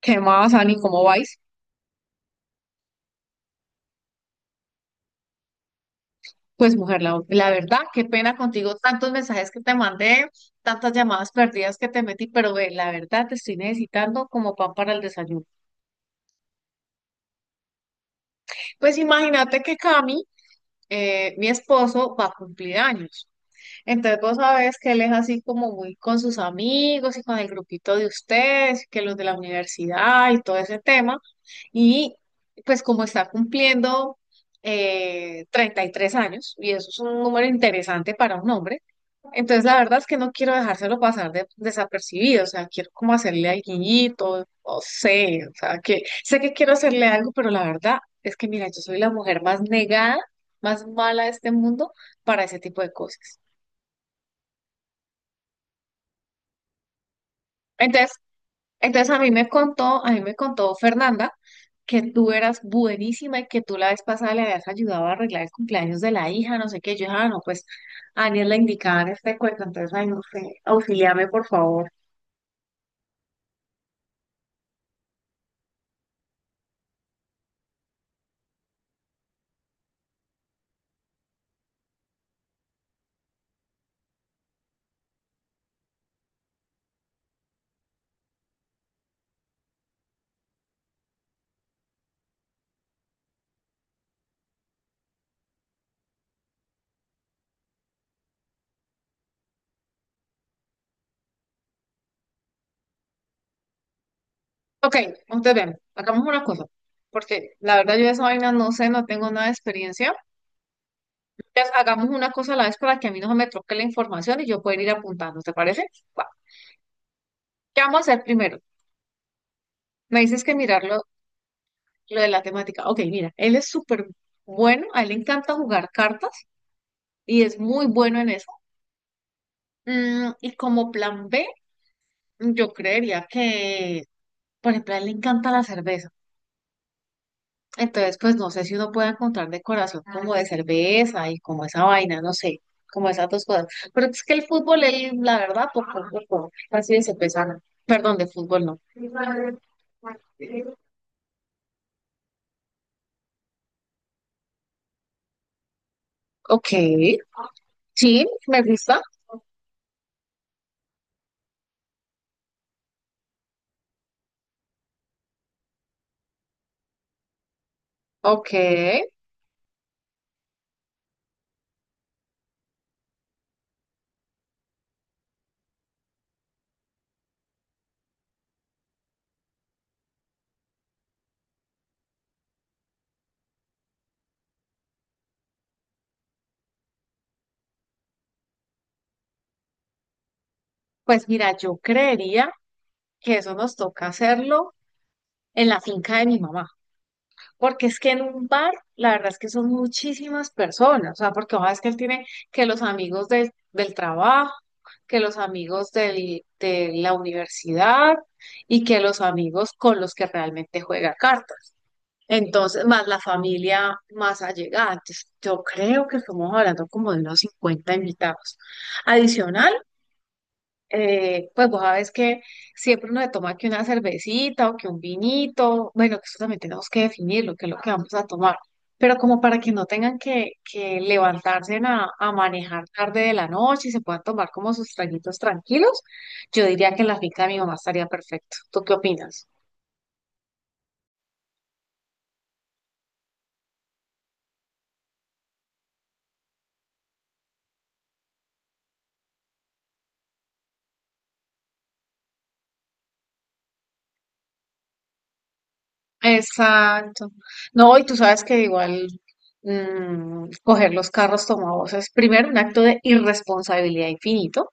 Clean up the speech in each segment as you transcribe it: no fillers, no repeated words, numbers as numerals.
¿Qué más, Ani? ¿Cómo vais? Pues mujer, la verdad, qué pena contigo, tantos mensajes que te mandé, tantas llamadas perdidas que te metí, pero ve, la verdad te estoy necesitando como pan para el desayuno. Pues imagínate que Cami, mi esposo, va a cumplir años. Entonces vos sabés que él es así como muy con sus amigos y con el grupito de ustedes, que los de la universidad y todo ese tema. Y pues como está cumpliendo 33 años, y eso es un número interesante para un hombre, entonces la verdad es que no quiero dejárselo pasar desapercibido, o sea, quiero como hacerle al guiñito, no sé, o sea, que sé que quiero hacerle algo, pero la verdad es que mira, yo soy la mujer más negada, más mala de este mundo para ese tipo de cosas. Entonces, a mí me contó Fernanda que tú eras buenísima y que tú la vez pasada le habías ayudado a arreglar el cumpleaños de la hija, no sé qué. Yo dije, ah, no, pues a Aniel le indicaban este cuento, entonces, ay, no sé, auxíliame, por favor. Ok, entonces bien, hagamos una cosa, porque la verdad yo de esa vaina no sé, no tengo nada de experiencia. Entonces hagamos una cosa a la vez para que a mí no se me troque la información y yo pueda ir apuntando, ¿te parece? Va. ¿Qué vamos a hacer primero? Me dices que mirarlo. Lo de la temática. Ok, mira, él es súper bueno, a él le encanta jugar cartas y es muy bueno en eso. Mm, y como plan B, yo creería que, por ejemplo, a él le encanta la cerveza. Entonces, pues no sé si uno puede encontrar decoración como de cerveza y como esa vaina, no sé, como esas dos cosas. Pero es que el fútbol, él, la verdad, poco, poco, así de cerveza, no. Perdón, de fútbol no. Ok, sí, me gusta. Ok, pues mira, yo creería que eso nos toca hacerlo en la finca de mi mamá, porque es que en un bar, la verdad es que son muchísimas personas, o sea, porque ojalá es que él tiene que los amigos del trabajo, que los amigos de la universidad y que los amigos con los que realmente juega cartas. Entonces, más la familia más allegada. Entonces, yo creo que estamos hablando como de unos 50 invitados. Adicional pues vos sabes que siempre uno le toma que una cervecita o que un vinito, bueno, que eso también tenemos que definirlo, que es lo que vamos a tomar, pero como para que no tengan que levantarse a manejar tarde de la noche y se puedan tomar como sus traguitos tranquilos, yo diría que la finca de mi mamá estaría perfecto. ¿Tú qué opinas? Exacto. No, y tú sabes que igual coger los carros tomados es primero un acto de irresponsabilidad infinito.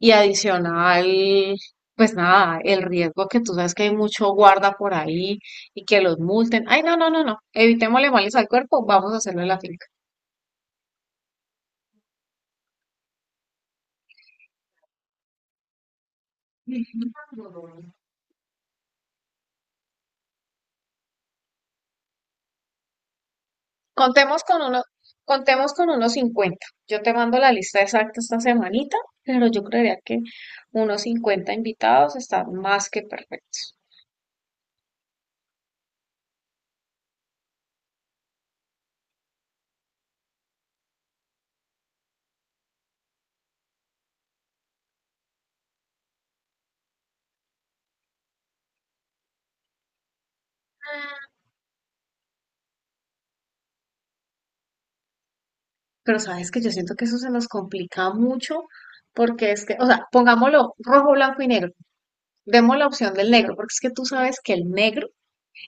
Y adicional, pues nada, el riesgo que tú sabes que hay mucho guarda por ahí y que los multen. Ay, no, no, no, no. Evitémosle males al cuerpo, vamos a hacerlo en la finca. Contemos con uno, contemos con unos 50. Yo te mando la lista exacta esta semanita, pero yo creería que unos 50 invitados están más que perfectos. Pero sabes que yo siento que eso se nos complica mucho porque es que, o sea, pongámoslo rojo, blanco y negro. Demos la opción del negro, porque es que tú sabes que el negro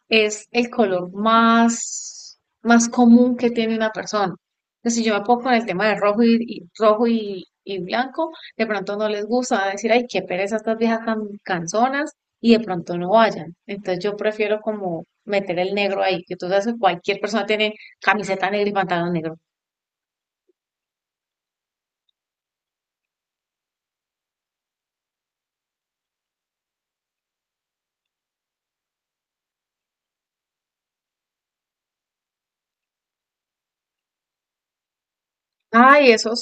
es el color más común que tiene una persona. Entonces, si yo me pongo con el tema de rojo y blanco, de pronto no les gusta, van a decir, ay, qué pereza estas viejas tan canzonas, y de pronto no vayan. Entonces yo prefiero como meter el negro ahí, que tú sabes que cualquier persona tiene camiseta negra y pantalón negro. Ay, eso.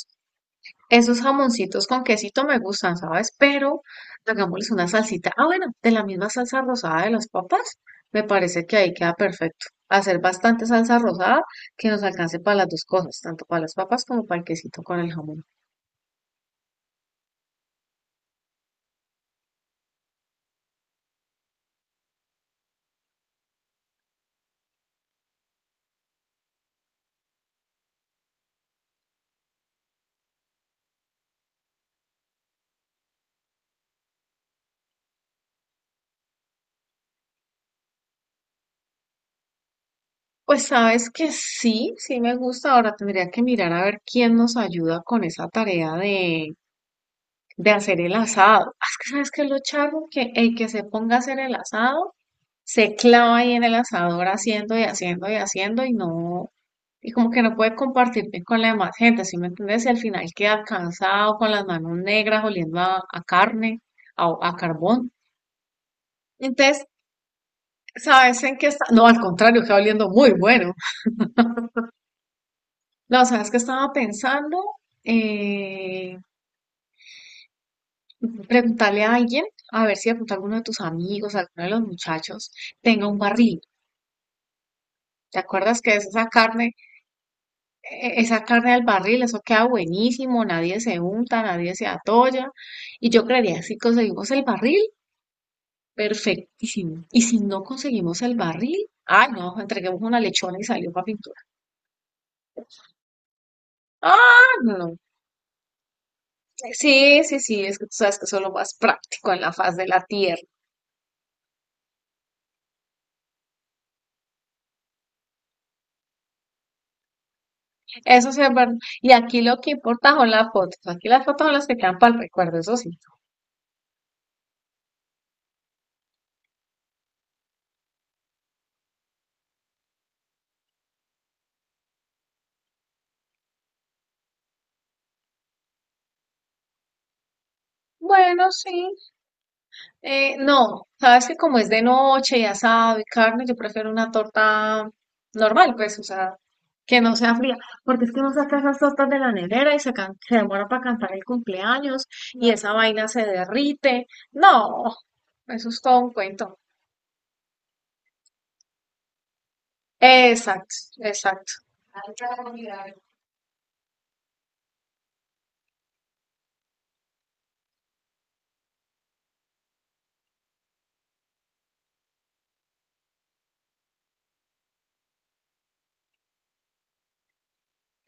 Esos jamoncitos con quesito me gustan, ¿sabes? Pero hagámosles una salsita. Ah, bueno, de la misma salsa rosada de las papas, me parece que ahí queda perfecto. Hacer bastante salsa rosada que nos alcance para las dos cosas, tanto para las papas como para el quesito con el jamón. Pues sabes que sí, sí me gusta. Ahora tendría que mirar a ver quién nos ayuda con esa tarea de hacer el asado. Ah, es que sabes que lo charro, que el que se ponga a hacer el asado se clava ahí en el asador haciendo y haciendo y haciendo y no, y como que no puede compartirte con la demás gente, ¿sí me entiendes? Y al final queda cansado, con las manos negras, oliendo a carne, a carbón. Entonces, ¿sabes en qué está? No, al contrario, queda oliendo muy bueno. No, ¿sabes qué estaba pensando? Eh, Preguntarle a alguien, a ver si de pronto alguno de tus amigos, alguno de los muchachos, tenga un barril. ¿Te acuerdas que es esa carne del barril? Eso queda buenísimo, nadie se unta, nadie se atolla. Y yo creería, si conseguimos el barril, perfectísimo. Y si no conseguimos el barril, ay, no, entreguemos una lechona y salió para pintura. Ah, no. Sí, sí, sí, es que tú sabes que eso es lo más práctico en la faz de la tierra. Eso sí es verdad. Y aquí lo que importa son las fotos. Aquí las fotos son las que quedan para el recuerdo, eso sí. Bueno, sí. No, sabes que como es de noche y asado y carne, yo prefiero una torta normal, pues, o sea, que no sea fría, porque es que uno saca esas tortas de la nevera y se demora para cantar el cumpleaños y esa vaina se derrite. No, eso es todo un cuento. Exacto, exacto,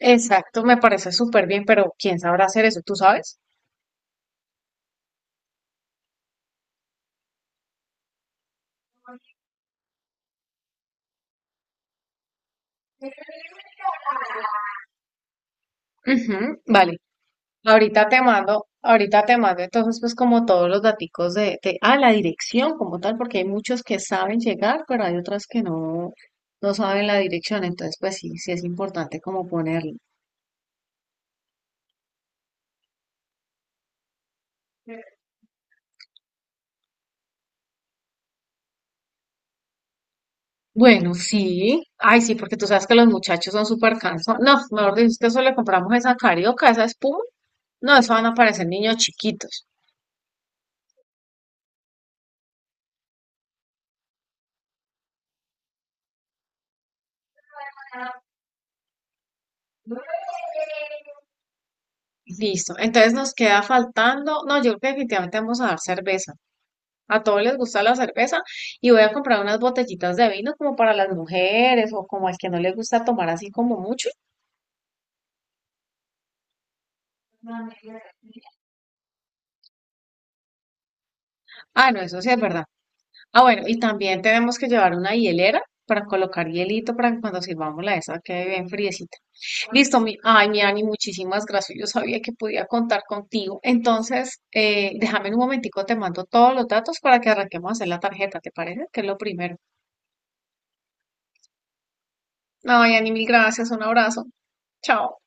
exacto, me parece súper bien, pero ¿quién sabrá hacer eso? ¿Tú sabes? Ujú, vale. Ahorita te mando entonces pues como todos los daticos la dirección como tal, porque hay muchos que saben llegar, pero hay otras que no, no saben la dirección, entonces pues sí, sí es importante como ponerlo. Bueno, sí, ay sí, porque tú sabes que los muchachos son súper cansados. No, mejor dicho, es que eso le compramos esa carioca, esa espuma. No, eso van a parecer niños chiquitos. Listo, entonces nos queda faltando, no, yo creo que definitivamente vamos a dar cerveza. A todos les gusta la cerveza y voy a comprar unas botellitas de vino como para las mujeres o como al que no le gusta tomar así como mucho. Ah, no, eso sí es verdad. Ah, bueno, y también tenemos que llevar una hielera para colocar hielito para que cuando sirvamos la esa quede bien friecita. Listo, mi, ay, mi Ani, muchísimas gracias. Yo sabía que podía contar contigo. Entonces, déjame en un momentico, te mando todos los datos para que arranquemos a hacer la tarjeta, ¿te parece? Que es lo primero. Ay, Ani, mil gracias, un abrazo. Chao.